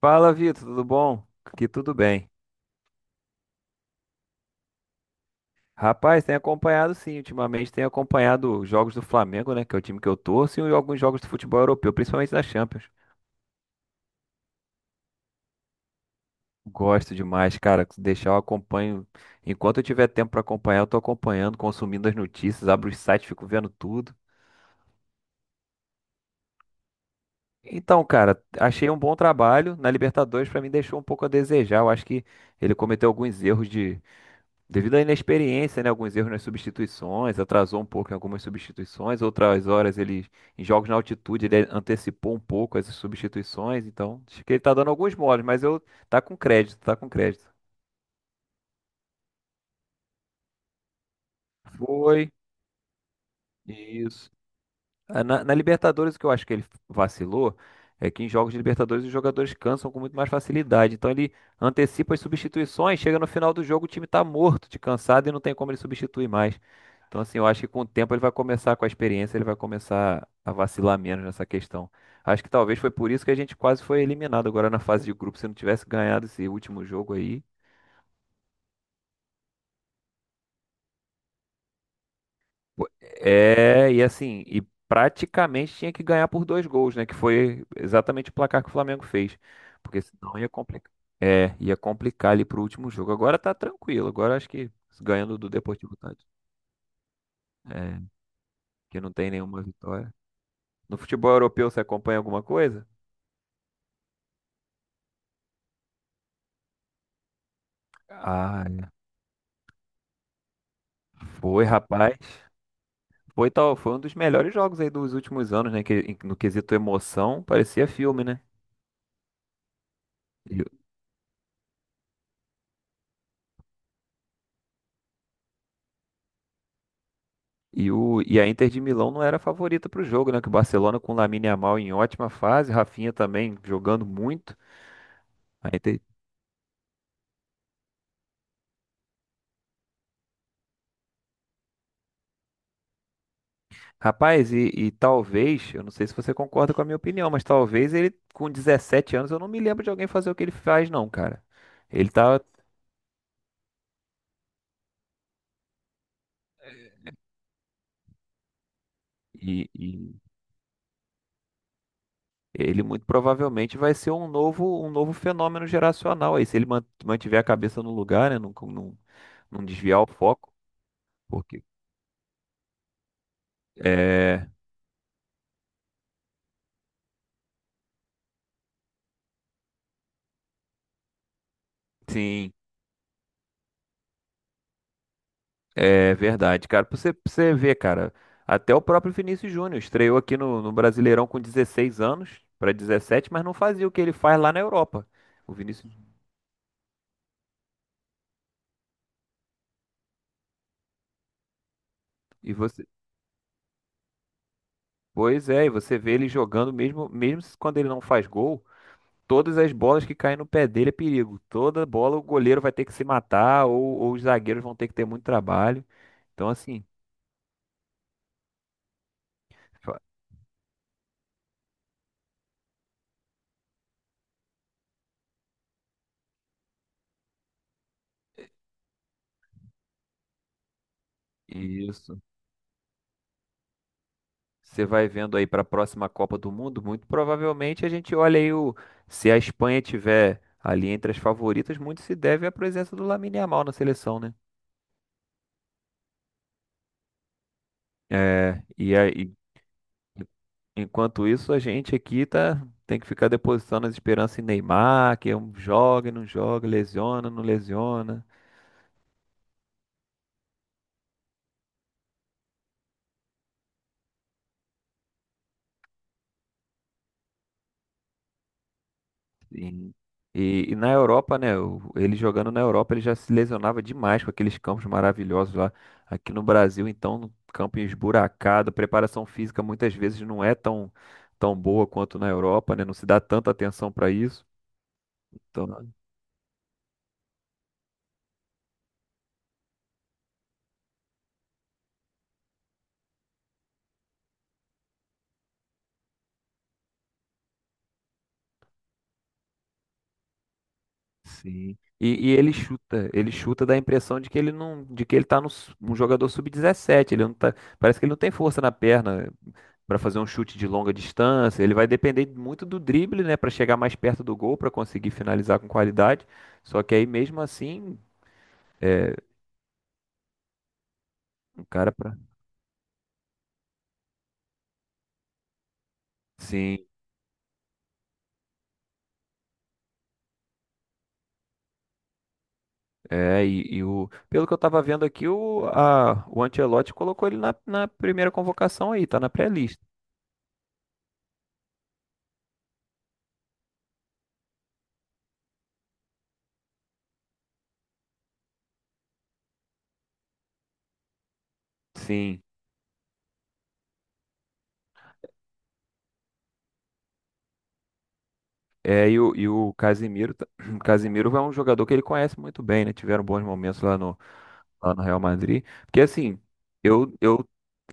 Fala, Vitor, tudo bom? Aqui tudo bem. Rapaz, tem acompanhado sim, ultimamente tem acompanhado os jogos do Flamengo, né, que é o time que eu torço, e alguns jogos do futebol europeu, principalmente da Champions. Gosto demais, cara, se deixar eu acompanho. Enquanto eu tiver tempo pra acompanhar, eu tô acompanhando, consumindo as notícias, abro os sites, fico vendo tudo. Então, cara, achei um bom trabalho na Libertadores, pra mim deixou um pouco a desejar. Eu acho que ele cometeu alguns erros de devido à inexperiência, né, alguns erros nas substituições, atrasou um pouco em algumas substituições, outras horas ele, em jogos na altitude, ele antecipou um pouco as substituições, então acho que ele tá dando alguns moles, mas eu tá com crédito, tá com crédito. Foi. Isso. Ah, na Libertadores, o que eu acho que ele vacilou é que em jogos de Libertadores os jogadores cansam com muito mais facilidade. Então ele antecipa as substituições, chega no final do jogo, o time tá morto de cansado e não tem como ele substituir mais. Então, assim, eu acho que com o tempo ele vai começar, com a experiência, ele vai começar a vacilar menos nessa questão. Acho que talvez foi por isso que a gente quase foi eliminado agora na fase de grupo. Se não tivesse ganhado esse último jogo aí, é, e assim, e praticamente tinha que ganhar por dois gols, né? Que foi exatamente o placar que o Flamengo fez. Porque senão ia complicar. É, ia complicar ali pro último jogo. Agora tá tranquilo. Agora acho que ganhando do Deportivo Tátira. É, que não tem nenhuma vitória. No futebol europeu você acompanha alguma coisa? Ah, é. Foi, rapaz. Foi tal, foi um dos melhores jogos aí dos últimos anos, né? Que, no quesito emoção, parecia filme, né? E a Inter de Milão não era a favorita para o jogo, né? Que o Barcelona com o Lamine Yamal em ótima fase, Rafinha também jogando muito. A Inter. Rapaz, e talvez, eu não sei se você concorda com a minha opinião, mas talvez ele com 17 anos, eu não me lembro de alguém fazer o que ele faz, não, cara. Ele tá. E ele muito provavelmente vai ser um novo, fenômeno geracional aí, se ele mantiver a cabeça no lugar, né? Não, não, não desviar o foco. Porque, é, sim. É verdade, cara. Pra você ver, cara, até o próprio Vinícius Júnior estreou aqui no, Brasileirão com 16 anos para 17, mas não fazia o que ele faz lá na Europa. O Vinícius. E você, pois é, e você vê ele jogando mesmo quando ele não faz gol, todas as bolas que caem no pé dele é perigo. Toda bola o goleiro vai ter que se matar ou os zagueiros vão ter que ter muito trabalho. Então assim, fa- isso. Você vai vendo aí para a próxima Copa do Mundo, muito provavelmente a gente olha aí o se a Espanha tiver ali entre as favoritas, muito se deve à presença do Lamine Yamal na seleção, né? É, e aí, enquanto isso, a gente aqui tem que ficar depositando as esperanças em Neymar, que é um joga e não joga, lesiona, não lesiona. Sim. E na Europa, né? Ele jogando na Europa, ele já se lesionava demais com aqueles campos maravilhosos lá. Aqui no Brasil, então, no campo esburacado, a preparação física muitas vezes não é tão, boa quanto na Europa, né? Não se dá tanta atenção para isso. Então, sim. E ele chuta dá a impressão de que ele não, de que ele tá no, um jogador sub-17, ele não tá, parece que ele não tem força na perna para fazer um chute de longa distância, ele vai depender muito do drible, né, para chegar mais perto do gol, para conseguir finalizar com qualidade. Só que aí mesmo assim, é, um cara para sim, é, e o, pelo que eu tava vendo aqui, o Ancelotti colocou ele na, na primeira convocação aí, tá na pré-lista. Sim, é, e o Casimiro, Casimiro é um jogador que ele conhece muito bem, né? Tiveram bons momentos lá no, Real Madrid. Porque assim, eu, eu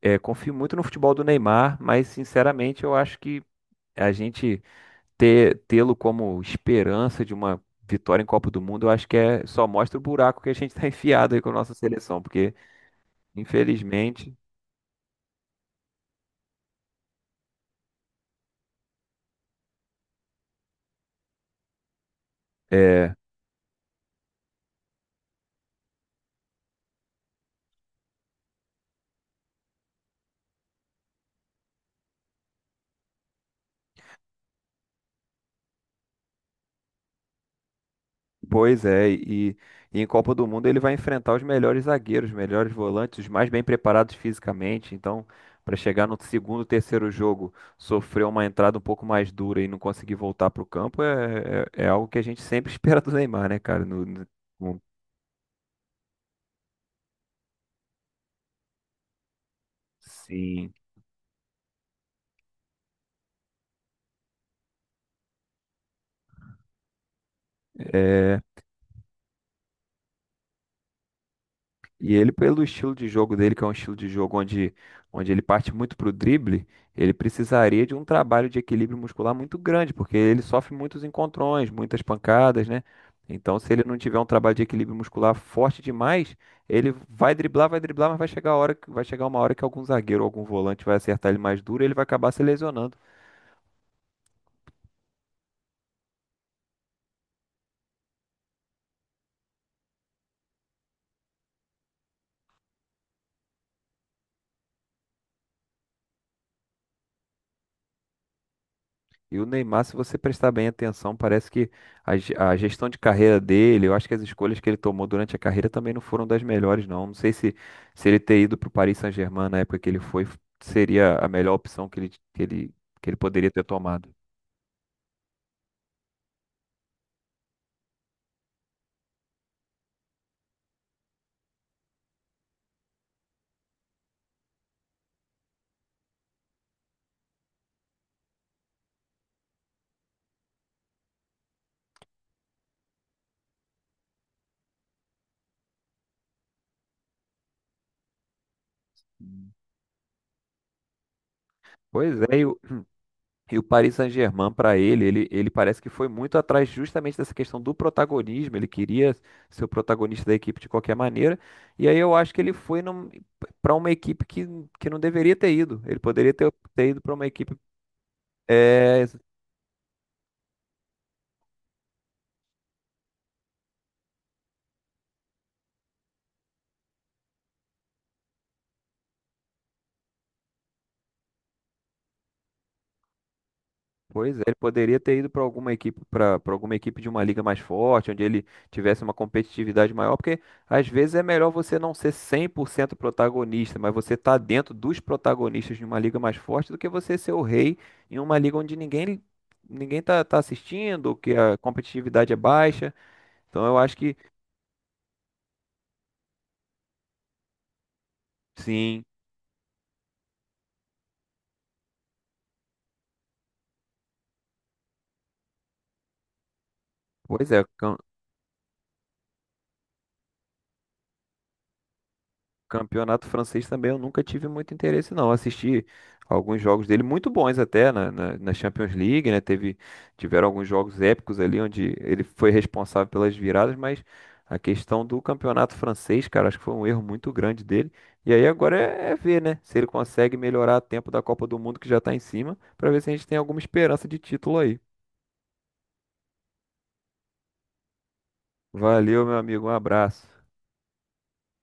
é, confio muito no futebol do Neymar, mas sinceramente eu acho que a gente tê-lo como esperança de uma vitória em Copa do Mundo, eu acho que é, só mostra o buraco que a gente está enfiado aí com a nossa seleção, porque infelizmente. É, pois é, e em Copa do Mundo ele vai enfrentar os melhores zagueiros, os melhores volantes, os mais bem preparados fisicamente. Então, para chegar no segundo, terceiro jogo, sofrer uma entrada um pouco mais dura e não conseguir voltar para o campo é, algo que a gente sempre espera do Neymar, né, cara? No- sim. E ele, pelo estilo de jogo dele, que é um estilo de jogo onde ele parte muito pro drible, ele precisaria de um trabalho de equilíbrio muscular muito grande, porque ele sofre muitos encontrões, muitas pancadas, né? Então, se ele não tiver um trabalho de equilíbrio muscular forte demais, ele vai driblar, mas vai chegar a hora, vai chegar uma hora que algum zagueiro, ou algum volante vai acertar ele mais duro, e ele vai acabar se lesionando. E o Neymar, se você prestar bem atenção, parece que a gestão de carreira dele, eu acho que as escolhas que ele tomou durante a carreira também não foram das melhores, não. Não sei se ele ter ido para o Paris Saint-Germain na época que ele foi, seria a melhor opção que ele poderia ter tomado. Pois é, E o Paris Saint-Germain, para ele, parece que foi muito atrás justamente dessa questão do protagonismo. Ele queria ser o protagonista da equipe de qualquer maneira. E aí eu acho que ele foi para uma equipe que não deveria ter ido. Ele poderia ter ido para uma equipe eh, pois é, ele poderia ter ido para alguma equipe, de uma liga mais forte, onde ele tivesse uma competitividade maior, porque às vezes é melhor você não ser 100% protagonista, mas você tá dentro dos protagonistas de uma liga mais forte do que você ser o rei em uma liga onde ninguém tá assistindo, que a competitividade é baixa. Então eu acho que sim, pois é, campeonato francês também eu nunca tive muito interesse, não. Assisti alguns jogos dele, muito bons até, na, na Champions League, né? Tiveram alguns jogos épicos ali, onde ele foi responsável pelas viradas, mas a questão do campeonato francês, cara, acho que foi um erro muito grande dele. E aí agora é, ver, né? Se ele consegue melhorar a tempo da Copa do Mundo, que já tá em cima, pra ver se a gente tem alguma esperança de título aí. Valeu, meu amigo, um abraço.